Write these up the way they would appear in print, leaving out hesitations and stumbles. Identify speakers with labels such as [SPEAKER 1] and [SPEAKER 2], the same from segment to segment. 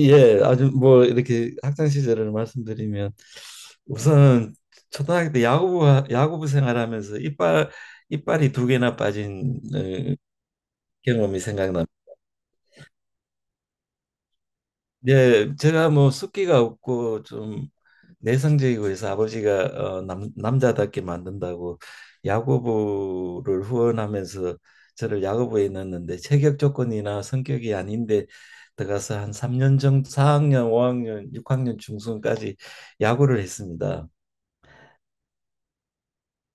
[SPEAKER 1] 예, 아주 뭐 이렇게 학창 시절을 말씀드리면 우선 초등학교 때 야구부 생활하면서 이빨이 2개나 빠진 경험이. 예, 제가 뭐 숫기가 없고 좀 내성적이고 해서 아버지가 남자답게 만든다고 야구부를 후원하면서 저를 야구부에 넣었는데 체격 조건이나 성격이 아닌데 들어가서 한 3년 정도 4학년, 5학년, 6학년 중순까지 야구를 했습니다.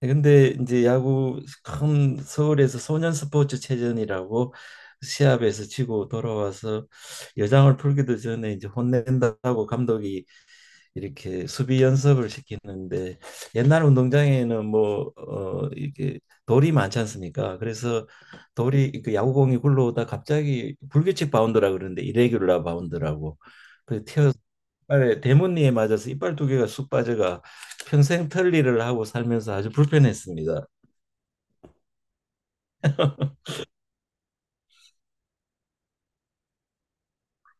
[SPEAKER 1] 근데 이제 야구 큰 서울에서 소년 스포츠 체전이라고 시합에서 치고 돌아와서 여장을 풀기도 전에 이제 혼낸다고 감독이 이렇게 수비 연습을 시키는데 옛날 운동장에는 뭐 이렇게 돌이 많지 않습니까? 그래서 돌이 그 야구공이 굴러오다 갑자기 불규칙 바운드라 그러는데 이레귤라 바운드라고 그 튀어 빨에 대문니에 맞아서 이빨 2개가 쑥 빠져가 평생 털리를 하고 살면서 아주 불편했습니다.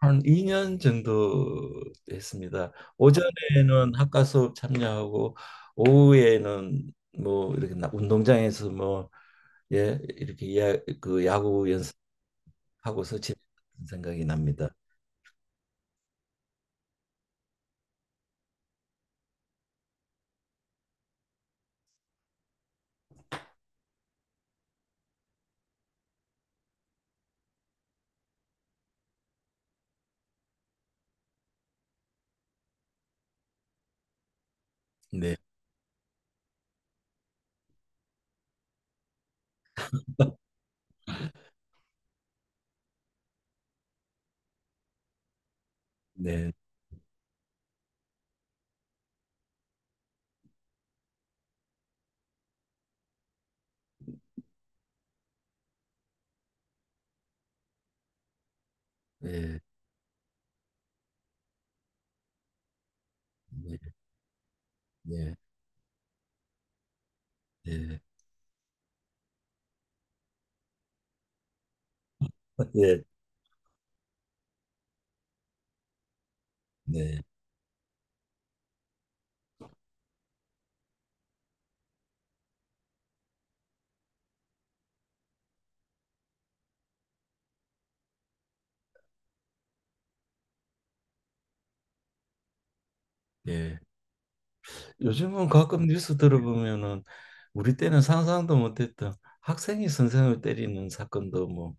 [SPEAKER 1] 한 2년 정도 했습니다. 아, 오전에는 학과 수업 참여하고 오후에는 뭐 이렇게 운동장에서 뭐 예, 이렇게 야, 그 야구 연습하고서 지냈 생각이 납니다. 네. 네. 네. 네. 네. 네. 네. 네. 네. 요즘은 가끔 뉴스 들어보면은 우리 때는 상상도 못했던 학생이 선생을 때리는 사건도 뭐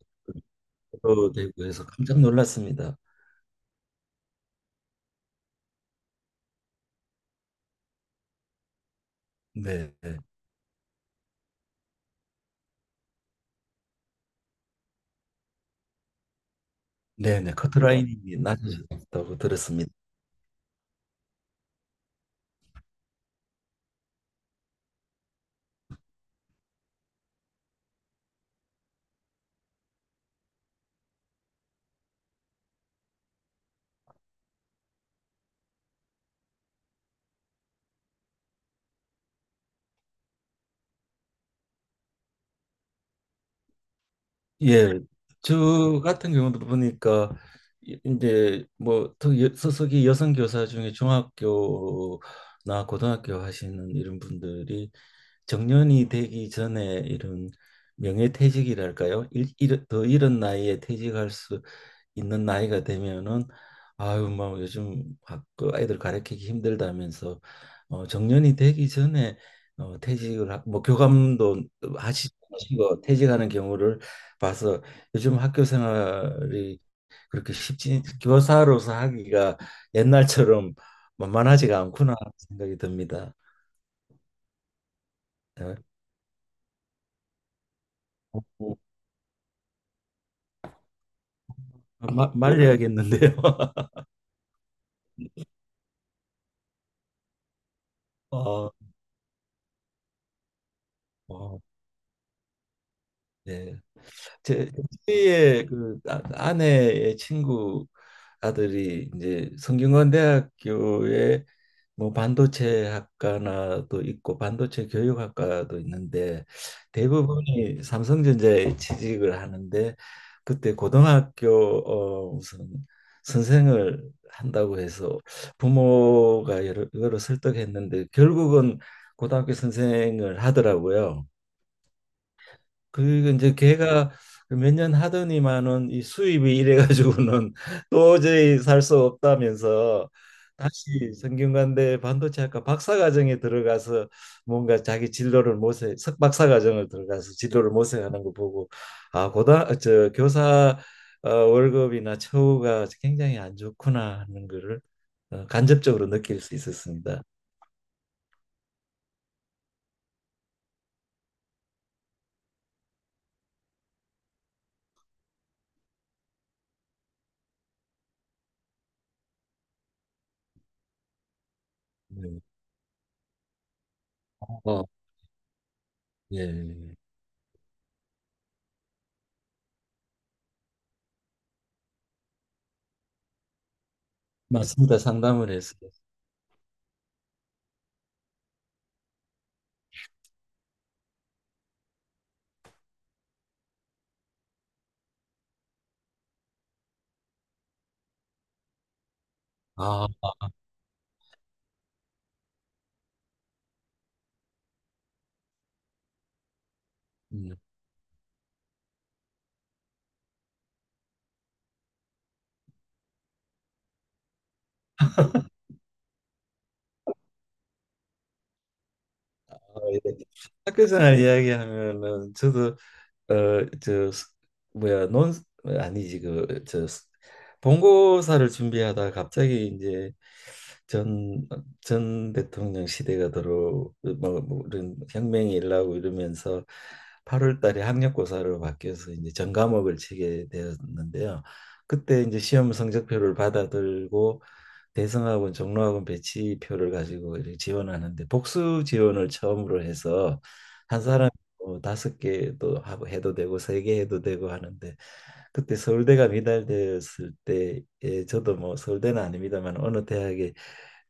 [SPEAKER 1] 보도되고 해서 깜짝 놀랐습니다. 네. 네네, 네. 커트라인이 낮아졌다고 들었습니다. 예, 저 같은 경우도 보니까 이제 뭐 특히 소속이 여성 교사 중에 중학교나 고등학교 하시는 이런 분들이 정년이 되기 전에 이런 명예퇴직이랄까요? 더 이른 나이에 퇴직할 수 있는 나이가 되면은 아유 뭐 요즘 그 아이들 가르치기 힘들다면서 정년이 되기 전에 퇴직을 뭐 교감도 하시고 퇴직하는 경우를 봐서 요즘 학교 생활이 그렇게 쉽지 교사로서 하기가 옛날처럼 만만하지가 않구나 하는 생각이 듭니다. 예. 어, 어, 말려야겠는데요. 어, 어, 네. 제 저희의 그 아내의 친구 아들이 이제 성균관대학교에 뭐 반도체 학과나도 있고 반도체 교육학과도 있는데 대부분이 삼성전자에 취직을 하는데 그때 고등학교 무슨 선생을 한다고 해서 부모가 여러 설득했는데 결국은 고등학교 선생을 하더라고요. 그리고 이제 걔가 몇 년 하더니만은 이 수입이 이래 가지고는 도저히 살 수 없다면서 다시 성균관대 반도체학과 박사과정에 들어가서 뭔가 자기 진로를 모색 석박사과정을 들어가서 진로를 모색하는 거 보고 아 고다 저 교사 월급이나 처우가 굉장히 안 좋구나 하는 거를 간접적으로 느낄 수 있었습니다. 네. 어, 예. 맞습니다. 상담을 해서 아, 음. 학교 생활 이야기하면은 저도 어저 뭐야 논 아니지 그 저 본고사를 준비하다 갑자기 이제 전 전 대통령 시대가 들어 뭐 이런 혁명이 일어나고 이러면서 8월 달에 학력고사로 바뀌어서 이제 전과목을 치게 되었는데요. 그때 이제 시험 성적표를 받아들고 대성학원, 종로학원 배치표를 가지고 이렇게 지원하는데 복수 지원을 처음으로 해서 한 사람이 뭐 5개도 하고 해도 되고 3개 해도 되고 하는데 그때 서울대가 미달되었을 때에 저도 뭐 서울대는 아닙니다만 어느 대학에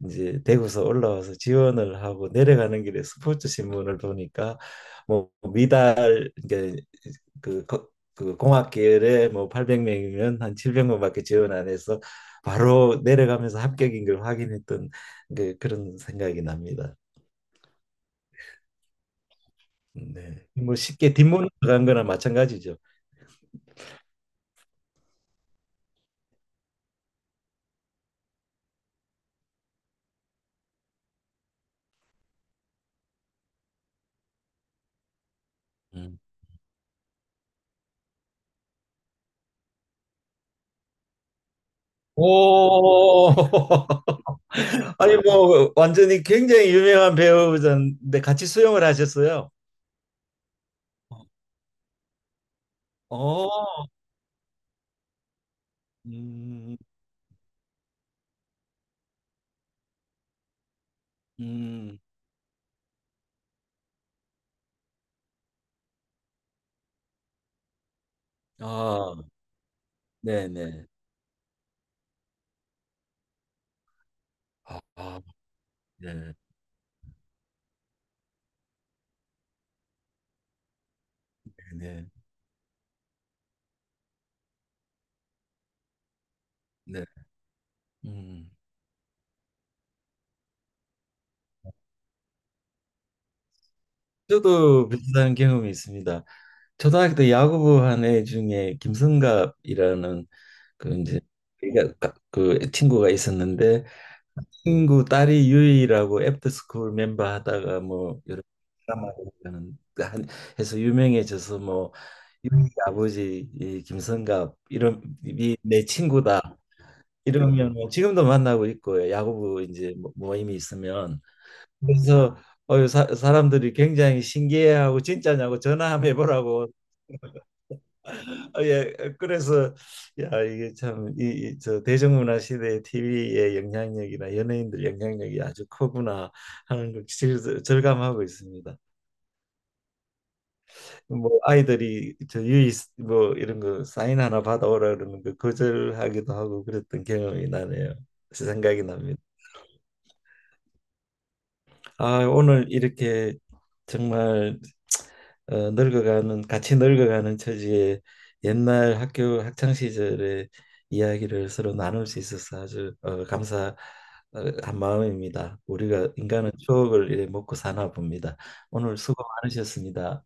[SPEAKER 1] 이제 대구서 올라와서 지원을 하고 내려가는 길에 스포츠 신문을 보니까 뭐 미달 이제 그, 거- 그 공학계열에 뭐 800명이면 한 700명밖에 지원 안 해서 바로 내려가면서 합격인 걸 확인했던 그런 생각이 납니다. 네. 뭐 쉽게 뒷문 들어간 거나 마찬가지죠. 음. 오, 아니 뭐 완전히 굉장히 유명한 배우자인데 같이 수영을 하셨어요. 어, 음, 음, 아, 네네. 아, 아, 네, 네, 네, 음. 저도 비슷한 경험이 있습니다. 초등학교 때 야구부 한 애 중에 김성갑이라는 그 이제 우리가 그 친구가 있었는데 친구 딸이 유이라고 애프터스쿨 멤버 하다가 뭐 여러 드라마를 하는- 한- 해서 유명해져서 뭐 유이 아버지 이 김성갑 이름이 내 친구다 이러면 뭐 지금도 만나고 있고 야구부 이제 모임이 있으면 그래서 사람들이 굉장히 신기해하고 진짜냐고 전화 한번 해보라고 어, 예 그래서 야 이게 참이저 대중문화 시대의 TV의 영향력이나 연예인들 영향력이 아주 크구나 하는 걸 절감하고 있습니다. 뭐 아이들이 저 유이 뭐 이런 거 사인 하나 받아오라 그러는 거 거절하기도 하고 그랬던 경험이 나네요. 생각이 납니다. 아, 오늘 이렇게 정말 어, 늙어가는 같이 늙어가는 처지에 옛날 학교 학창 시절의 이야기를 서로 나눌 수 있어서 아주 감사한 마음입니다. 우리가 인간은 추억을 이래 먹고 사나 봅니다. 오늘 수고 많으셨습니다.